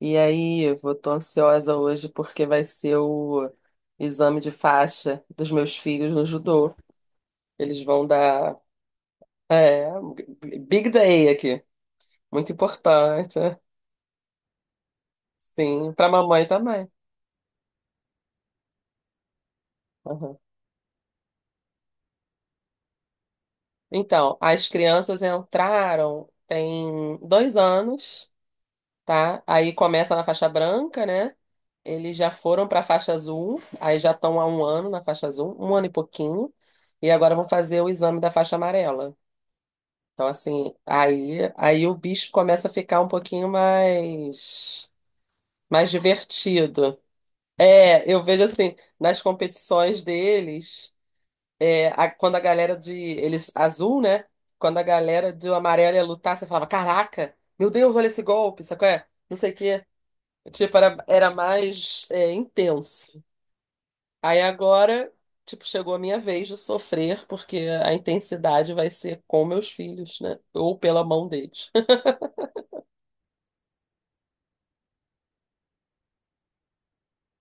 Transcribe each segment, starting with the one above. E aí, tô ansiosa hoje porque vai ser o exame de faixa dos meus filhos no judô. Eles vão dar, é, big day aqui, muito importante, né? Sim, para mamãe também. Aham. Então, as crianças entraram tem 2 anos, tá? Aí começa na faixa branca, né? Eles já foram para faixa azul, aí já estão há 1 ano na faixa azul, 1 ano e pouquinho, e agora vão fazer o exame da faixa amarela. Então, assim, aí o bicho começa a ficar um pouquinho mais, mais divertido. É, eu vejo assim, nas competições deles, é, quando a galera de. Eles, azul, né? Quando a galera de amarelo ia lutar, você falava: Caraca, meu Deus, olha esse golpe, sabe qual é? Não sei o quê. Tipo, era mais, é, intenso. Aí agora, tipo, chegou a minha vez de sofrer, porque a intensidade vai ser com meus filhos, né? Ou pela mão deles.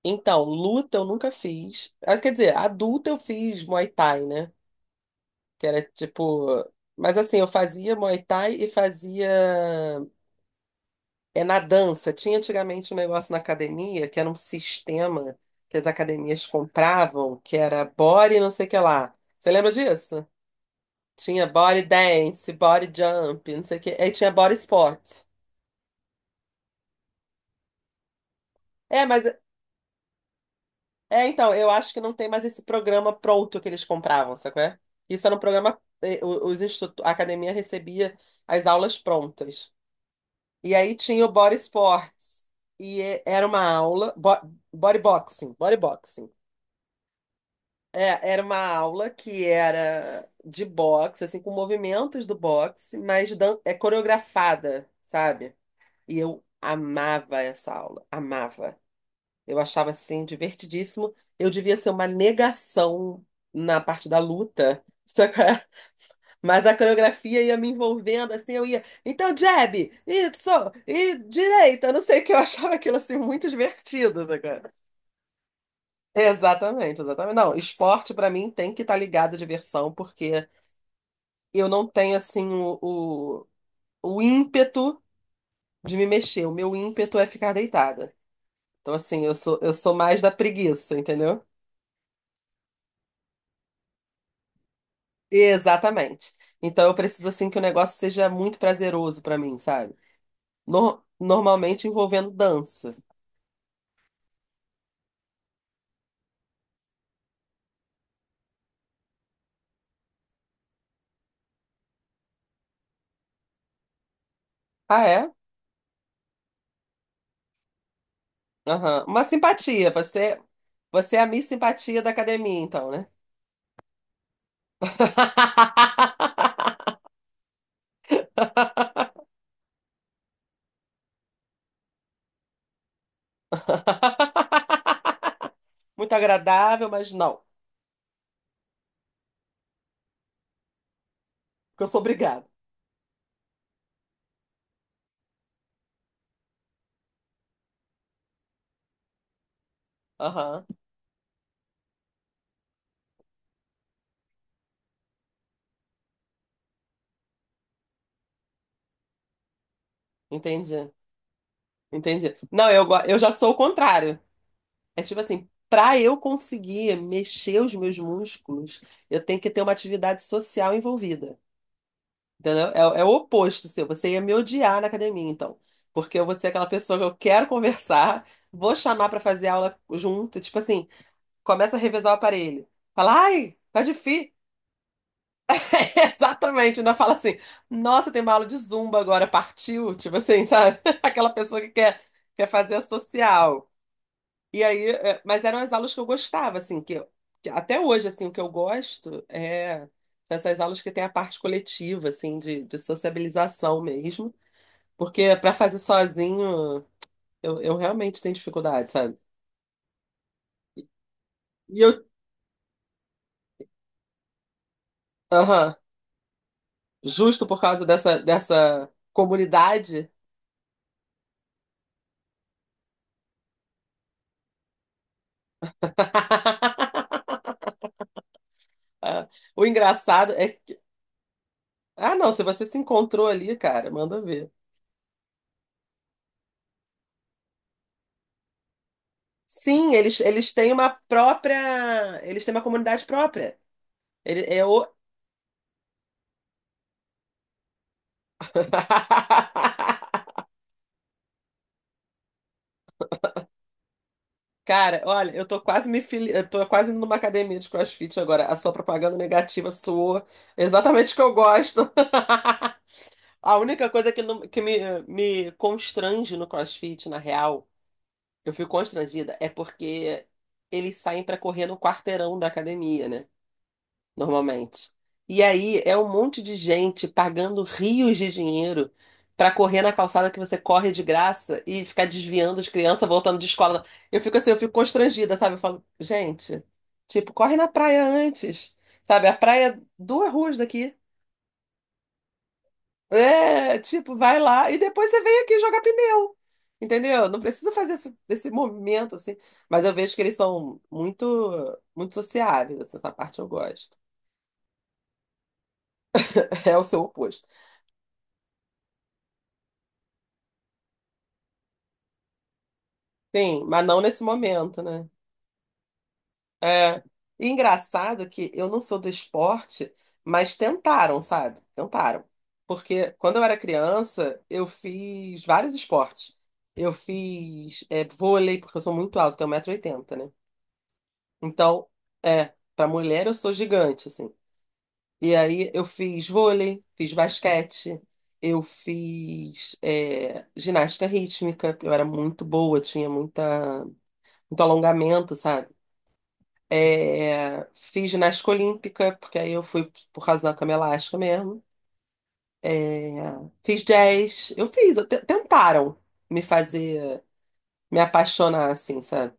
Então, luta eu nunca fiz. Ah, quer dizer, adulta eu fiz Muay Thai, né? Que era tipo. Mas assim, eu fazia Muay Thai e fazia. É na dança. Tinha antigamente um negócio na academia que era um sistema que as academias compravam, que era body não sei o que lá. Você lembra disso? Tinha body dance, body jump, não sei o que. Aí tinha body sport. É, mas é, então, eu acho que não tem mais esse programa pronto que eles compravam, sacou? É? Isso era um programa. A academia recebia as aulas prontas. E aí tinha o Body Sports. E era uma aula. Body Boxing. Body Boxing. É, era uma aula que era de boxe, assim, com movimentos do boxe, mas é coreografada, sabe? E eu amava essa aula. Amava. Eu achava assim divertidíssimo. Eu devia ser uma negação na parte da luta, só que mas a coreografia ia me envolvendo assim, eu ia, então jab, isso, e direita, não sei o que eu achava aquilo assim muito divertido, sabe? Exatamente, exatamente. Não, esporte pra mim tem que estar ligado à diversão, porque eu não tenho assim o ímpeto de me mexer. O meu ímpeto é ficar deitada. Então assim, eu sou mais da preguiça, entendeu? Exatamente. Então eu preciso assim que o negócio seja muito prazeroso pra mim, sabe? Normalmente envolvendo dança. Ah, é? Aham. Uma simpatia. Você é a Miss Simpatia da academia, então, né? Muito agradável, mas não. Porque eu sou obrigada. Aham. Entendi. Entendi. Não, eu já sou o contrário. É tipo assim, pra eu conseguir mexer os meus músculos, eu tenho que ter uma atividade social envolvida. Entendeu? É, é o oposto seu. Você ia me odiar na academia, então. Porque eu vou ser aquela pessoa que eu quero conversar, vou chamar pra fazer aula junto, tipo assim, começa a revezar o aparelho. Fala, ai, tá difícil. Exatamente, não fala assim, nossa, tem uma aula de zumba agora, partiu. Tipo assim, sabe? Aquela pessoa que quer, quer fazer a social. E aí, é, mas eram as aulas que eu gostava, assim, que até hoje, assim, o que eu gosto é. São essas aulas que tem a parte coletiva, assim, de sociabilização mesmo. Porque pra fazer sozinho, eu realmente tenho dificuldade, sabe? E eu, aham, justo por causa dessa comunidade. Ah, o engraçado é que. Ah, não, se você se encontrou ali, cara, manda ver. Sim, eles têm uma própria. Eles têm uma comunidade própria. Ele é o. Cara, olha, eu tô quase indo numa academia de CrossFit agora. A sua propaganda negativa soou exatamente o que eu gosto. A única coisa que me constrange no CrossFit, na real, eu fico constrangida, é porque eles saem pra correr no quarteirão da academia, né? Normalmente. E aí é um monte de gente pagando rios de dinheiro pra correr na calçada que você corre de graça e ficar desviando as crianças voltando de escola. Eu fico assim, eu fico constrangida, sabe? Eu falo, gente, tipo, corre na praia antes, sabe? A praia é 2 ruas daqui. É, tipo, vai lá e depois você vem aqui jogar pneu. Entendeu? Não precisa fazer esse movimento assim, mas eu vejo que eles são muito muito sociáveis, assim, essa parte eu gosto. É o seu oposto. Sim, mas não nesse momento, né? É. E engraçado que eu não sou do esporte, mas tentaram, sabe? Tentaram. Porque quando eu era criança, eu fiz vários esportes. Eu fiz é, vôlei, porque eu sou muito alto, tenho 1,80 m, né? Então, é, pra mulher eu sou gigante, assim. E aí eu fiz vôlei, fiz basquete, eu fiz é, ginástica rítmica, eu era muito boa, tinha muita, muito alongamento, sabe? É, fiz ginástica olímpica, porque aí eu fui por causa da cama elástica mesmo. É, fiz jazz, eu fiz, tentaram me fazer, me apaixonar, assim, sabe?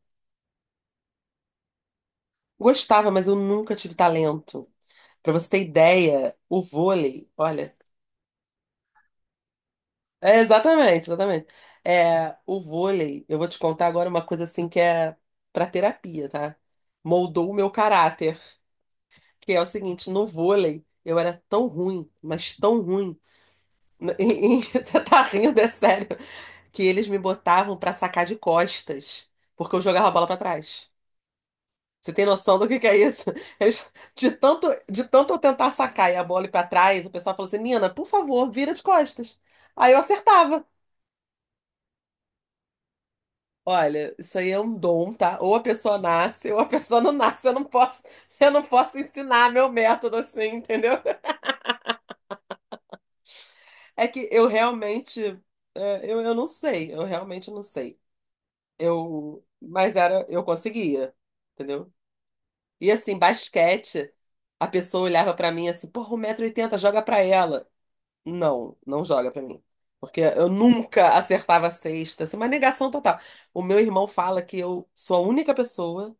Gostava, mas eu nunca tive talento. Pra você ter ideia, o vôlei, olha, é exatamente, exatamente. É, o vôlei, eu vou te contar agora uma coisa assim que é pra terapia, tá? Moldou o meu caráter, que é o seguinte, no vôlei eu era tão ruim, mas tão ruim. E, e você tá rindo, é sério, que eles me botavam pra sacar de costas, porque eu jogava a bola pra trás. Você tem noção do que é isso? Eles- de tanto, de tanto eu tentar sacar e a bola ir pra trás, o pessoal falou assim: Nina, por favor, vira de costas. Aí eu acertava. Olha, isso aí é um dom, tá? Ou a pessoa nasce, ou a pessoa não nasce. Eu não posso ensinar meu método assim, entendeu? É que eu realmente, é, eu não sei, eu realmente não sei. Eu, mas era, eu conseguia, entendeu? E assim, basquete, a pessoa olhava pra mim assim, porra, 1,80 m, joga pra ela. Não, não joga pra mim. Porque eu nunca acertava a cesta, assim, uma negação total. O meu irmão fala que eu sou a única pessoa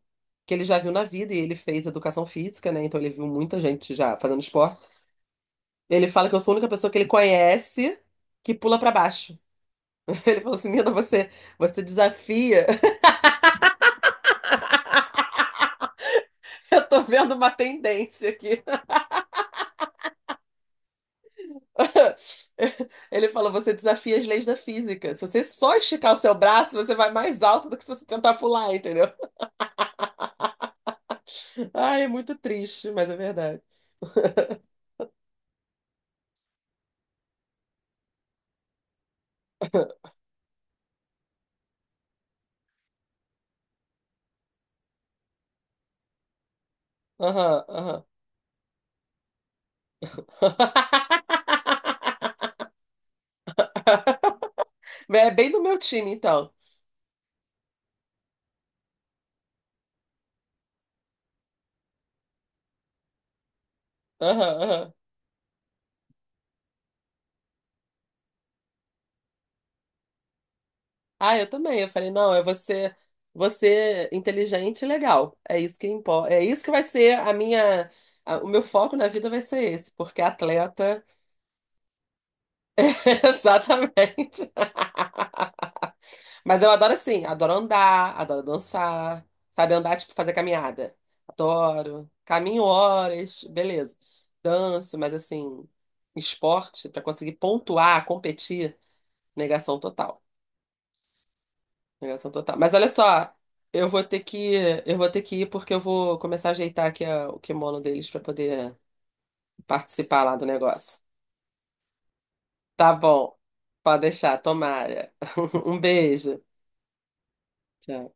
que ele já viu na vida, e ele fez educação física, né? Então ele viu muita gente já fazendo esporte. Ele fala que eu sou a única pessoa que ele conhece que pula pra baixo. Ele falou assim: Nina, você, você desafia. Eu tô vendo uma tendência aqui. Ele falou: você desafia as leis da física. Se você só esticar o seu braço, você vai mais alto do que se você tentar pular, entendeu? Ai, é muito triste, mas é verdade. Aham, aham. É bem do meu time, então. Aham, aham. Ah, eu também. Eu falei, não, é você inteligente e legal. É isso que importa. É isso que vai ser o meu foco na vida vai ser esse, porque atleta, exatamente. Mas eu adoro assim, adoro andar, adoro dançar, sabe? Andar, tipo, fazer caminhada. Adoro. Caminho horas, beleza. Danço, mas assim, esporte, pra conseguir pontuar, competir, negação total. Negação total. Mas olha só, eu vou ter que, eu vou ter que ir porque eu vou começar a ajeitar aqui o kimono deles pra poder participar lá do negócio. Tá bom. Pode deixar, tomara. Um beijo. Tchau.